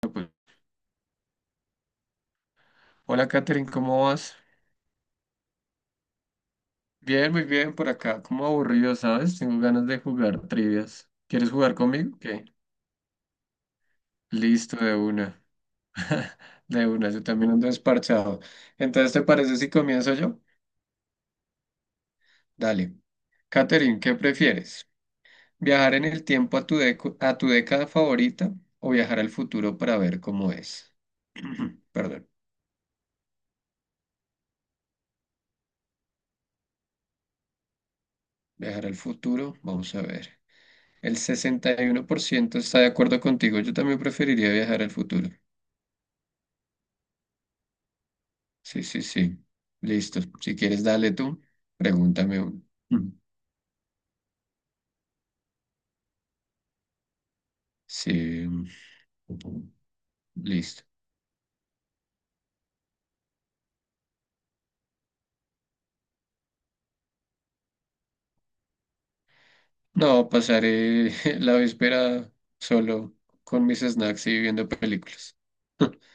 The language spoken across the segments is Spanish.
Pues, hola Katherine, ¿cómo vas? Bien, muy bien por acá, como aburrido, ¿sabes? Tengo ganas de jugar trivias. ¿Quieres jugar conmigo? ¿Qué? Listo, de una. De una, yo también ando desparchado. Entonces, ¿te parece si comienzo yo? Dale. Katherine, ¿qué prefieres? ¿Viajar en el tiempo a tu década favorita o viajar al futuro para ver cómo es? Perdón, viajar al futuro, vamos a ver. El 61% está de acuerdo contigo, yo también preferiría viajar al futuro. Sí, sí, sí. Listo. Si quieres, dale tú. Pregúntame uno. Mm. Sí. Listo. No, pasaré la víspera solo con mis snacks y viendo películas.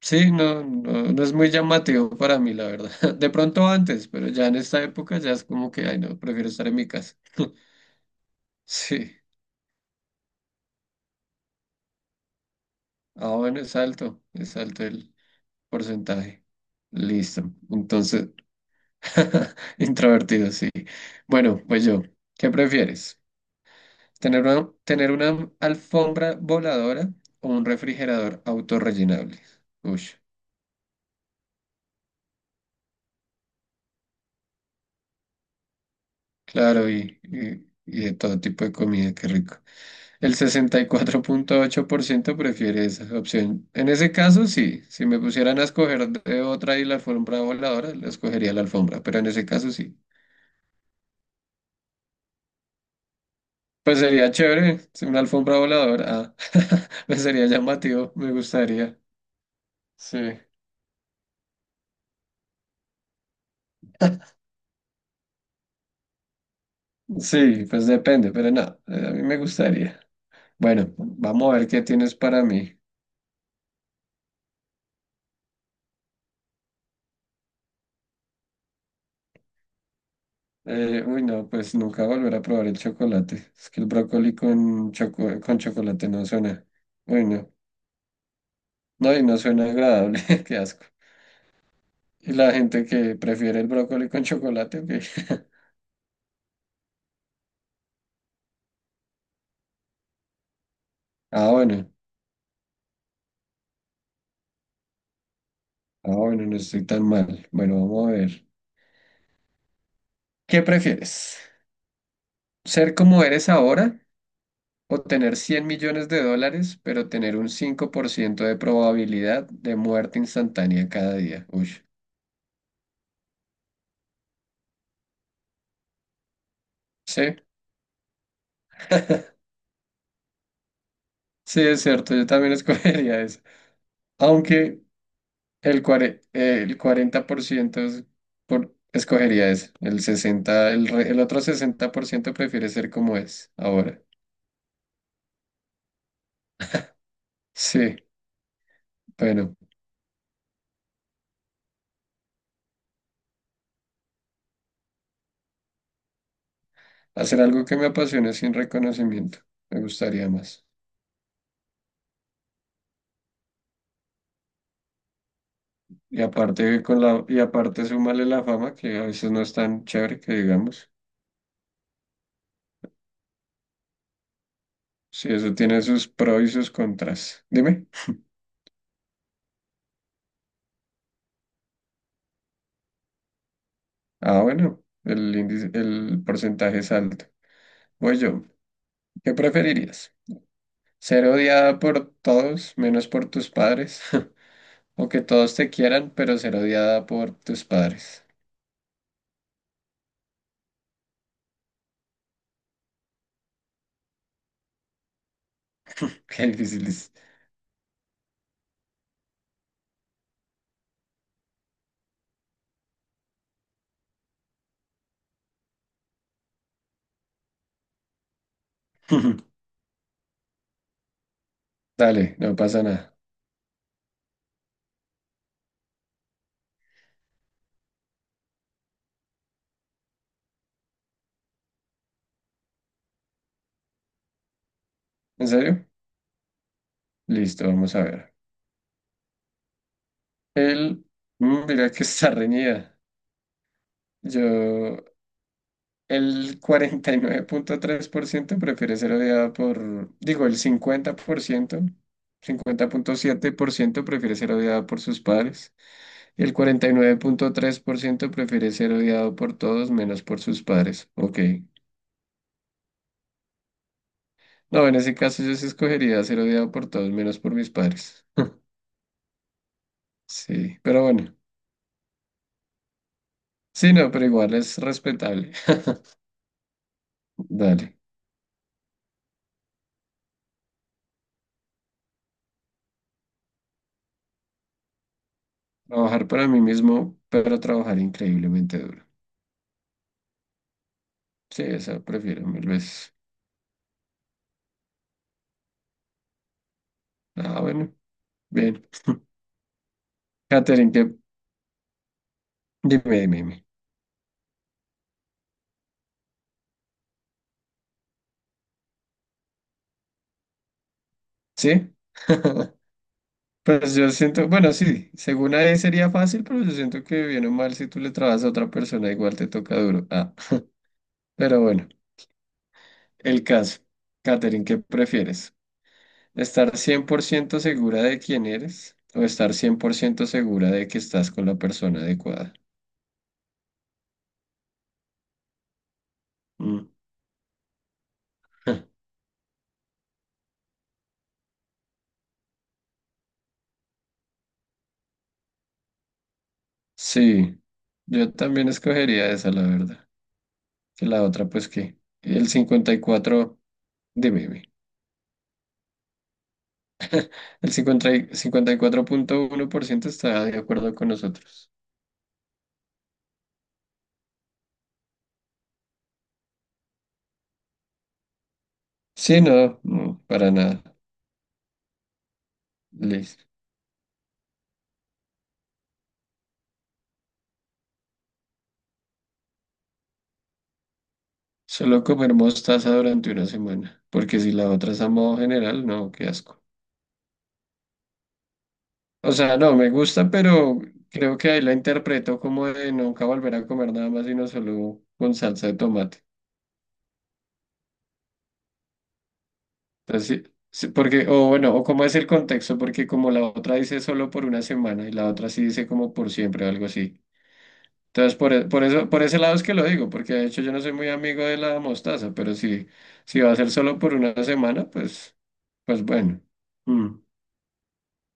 Sí, no, no, no es muy llamativo para mí, la verdad. De pronto antes, pero ya en esta época ya es como que, ay, no, prefiero estar en mi casa. Sí. Ah, bueno, es alto el porcentaje. Listo. Entonces, introvertido, sí. Bueno, pues yo, ¿qué prefieres? ¿Tener una alfombra voladora o un refrigerador autorrellenable? Uy, claro, y de todo tipo de comida, qué rico. El 64,8% prefiere esa opción. En ese caso, sí, si me pusieran a escoger de otra y la alfombra voladora, la escogería la alfombra, pero en ese caso sí. Pues sería chévere, si una alfombra voladora, ah, pues sería llamativo, me gustaría. Sí. Sí, pues depende, pero no, a mí me gustaría. Bueno, vamos a ver qué tienes para mí. Uy, no, pues nunca volver a probar el chocolate. Es que el brócoli con chocolate no suena. Uy, no. No, y no suena agradable, qué asco. Y la gente que prefiere el brócoli con chocolate, ok. Ah, bueno, ah, bueno, no estoy tan mal. Bueno, vamos a ver. ¿Qué prefieres? ¿Ser como eres ahora? ¿O tener 100 millones de dólares, pero tener un 5% de probabilidad de muerte instantánea cada día? Uy, sí, sí, es cierto, yo también escogería eso. Aunque el 40% escogería eso. El otro 60% prefiere ser como es ahora. Sí, bueno, hacer algo que me apasione sin reconocimiento. Me gustaría más. Y aparte súmale la fama, que a veces no es tan chévere que digamos. Sí, eso tiene sus pros y sus contras. Dime. Ah, bueno, el porcentaje es alto. Voy yo. ¿Qué preferirías? ¿Ser odiada por todos menos por tus padres? ¿O que todos te quieran, pero ser odiada por tus padres? Qué difícil es. Dale, no pasa nada. ¿En serio? Listo, vamos a ver. Él, mira que está reñida. Yo El cuarenta y nueve punto tres por ciento prefiere ser odiado por, digo, el cincuenta cincuenta por ciento, 50,7% prefiere ser odiado por sus padres y el 49,3% prefiere ser odiado por todos menos por sus padres. Ok. No, en ese caso yo sí escogería ser odiado por todos menos por mis padres. Sí, pero bueno. Sí, no, pero igual es respetable. Dale. Trabajar para mí mismo, pero trabajar increíblemente duro. Sí, esa prefiero mil veces. Ah, bueno. Bien, Catherine, que dime, dime, dime. ¿Sí? Pues yo siento, bueno, sí, según a él sería fácil, pero yo siento que bien o mal, si tú le trabajas a otra persona, igual te toca duro. Ah, pero bueno, el caso. Catherine, ¿qué prefieres? ¿Estar 100% segura de quién eres o estar 100% segura de que estás con la persona adecuada? Mm. Sí, yo también escogería esa, la verdad. Que la otra, pues que el cincuenta y cuatro, dime, dime. El cincuenta y cuatro punto uno por ciento está de acuerdo con nosotros. Sí, no, no, para nada. Listo. Solo comer mostaza durante una semana, porque si la otra es a modo general, no, qué asco. O sea, no, me gusta, pero creo que ahí la interpreto como de nunca volver a comer nada más sino solo con salsa de tomate. Entonces, sí, sí, porque, o bueno, o cómo es el contexto, porque como la otra dice solo por una semana y la otra sí dice como por siempre o algo así. Entonces, por eso, por ese lado es que lo digo, porque de hecho yo no soy muy amigo de la mostaza, pero si, va a ser solo por una semana, pues bueno. Mm,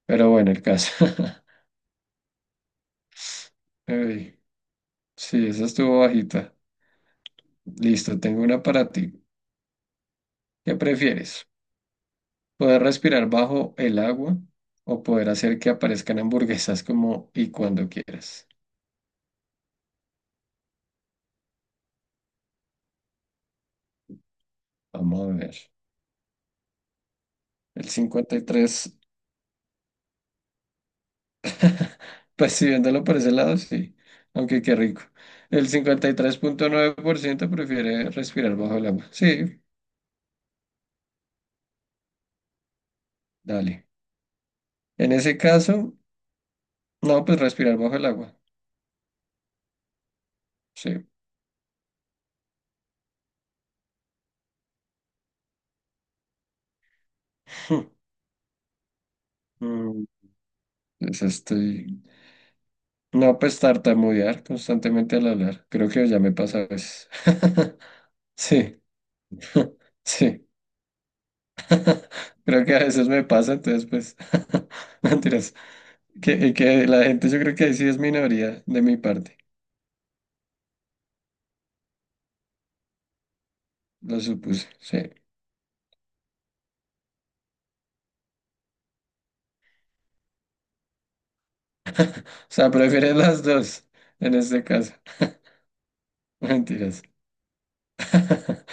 Pero bueno, el caso. Ey, sí, esa estuvo bajita. Listo, tengo una para ti. ¿Qué prefieres? ¿Poder respirar bajo el agua o poder hacer que aparezcan hamburguesas como y cuando quieras? Vamos a ver. El cincuenta y tres Pues sí, viéndolo por ese lado, sí. Aunque qué rico. El 53,9% prefiere respirar bajo el agua. Sí, dale. En ese caso, no, pues respirar bajo el agua. Sí. Mm, Pues estoy. No, pues tartamudear constantemente al hablar. Creo que ya me pasa a veces. Sí, sí. Creo que a veces me pasa, entonces, pues. Mentiras. Que la gente, yo creo que ahí sí es minoría de mi parte. Lo supuse, sí. O sea, prefieres las dos en este caso. Mentiras.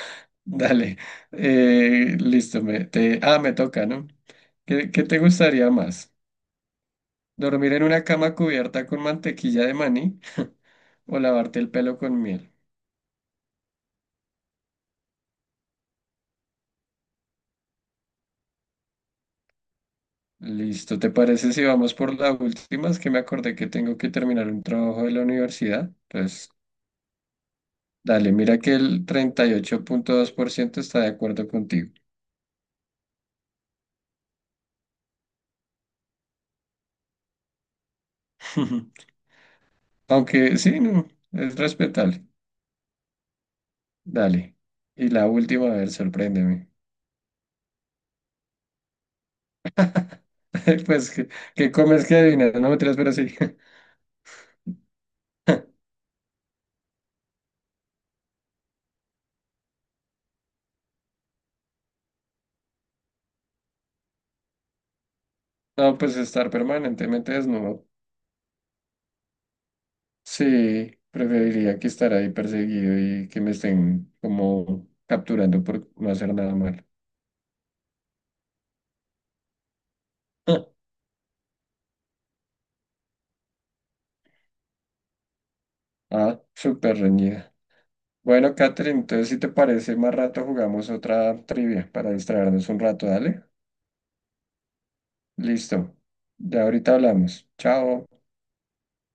Dale. Listo. Me toca, ¿no? ¿Qué te gustaría más? ¿Dormir en una cama cubierta con mantequilla de maní o lavarte el pelo con miel? Listo. ¿Te parece si vamos por la última? Es que me acordé que tengo que terminar un trabajo de la universidad. Entonces, dale, mira que el 38,2% está de acuerdo contigo. Aunque sí, no, es respetable. Dale. Y la última, a ver, sorpréndeme. Pues, ¿qué comes que adivinas? No me tiras, pero sí. No, pues estar permanentemente desnudo. Sí, preferiría que estar ahí perseguido y que me estén como capturando por no hacer nada malo. Ah, súper reñida. Bueno, Catherine, entonces si te parece, más rato jugamos otra trivia para distraernos un rato, dale. Listo. Ya ahorita hablamos. Chao.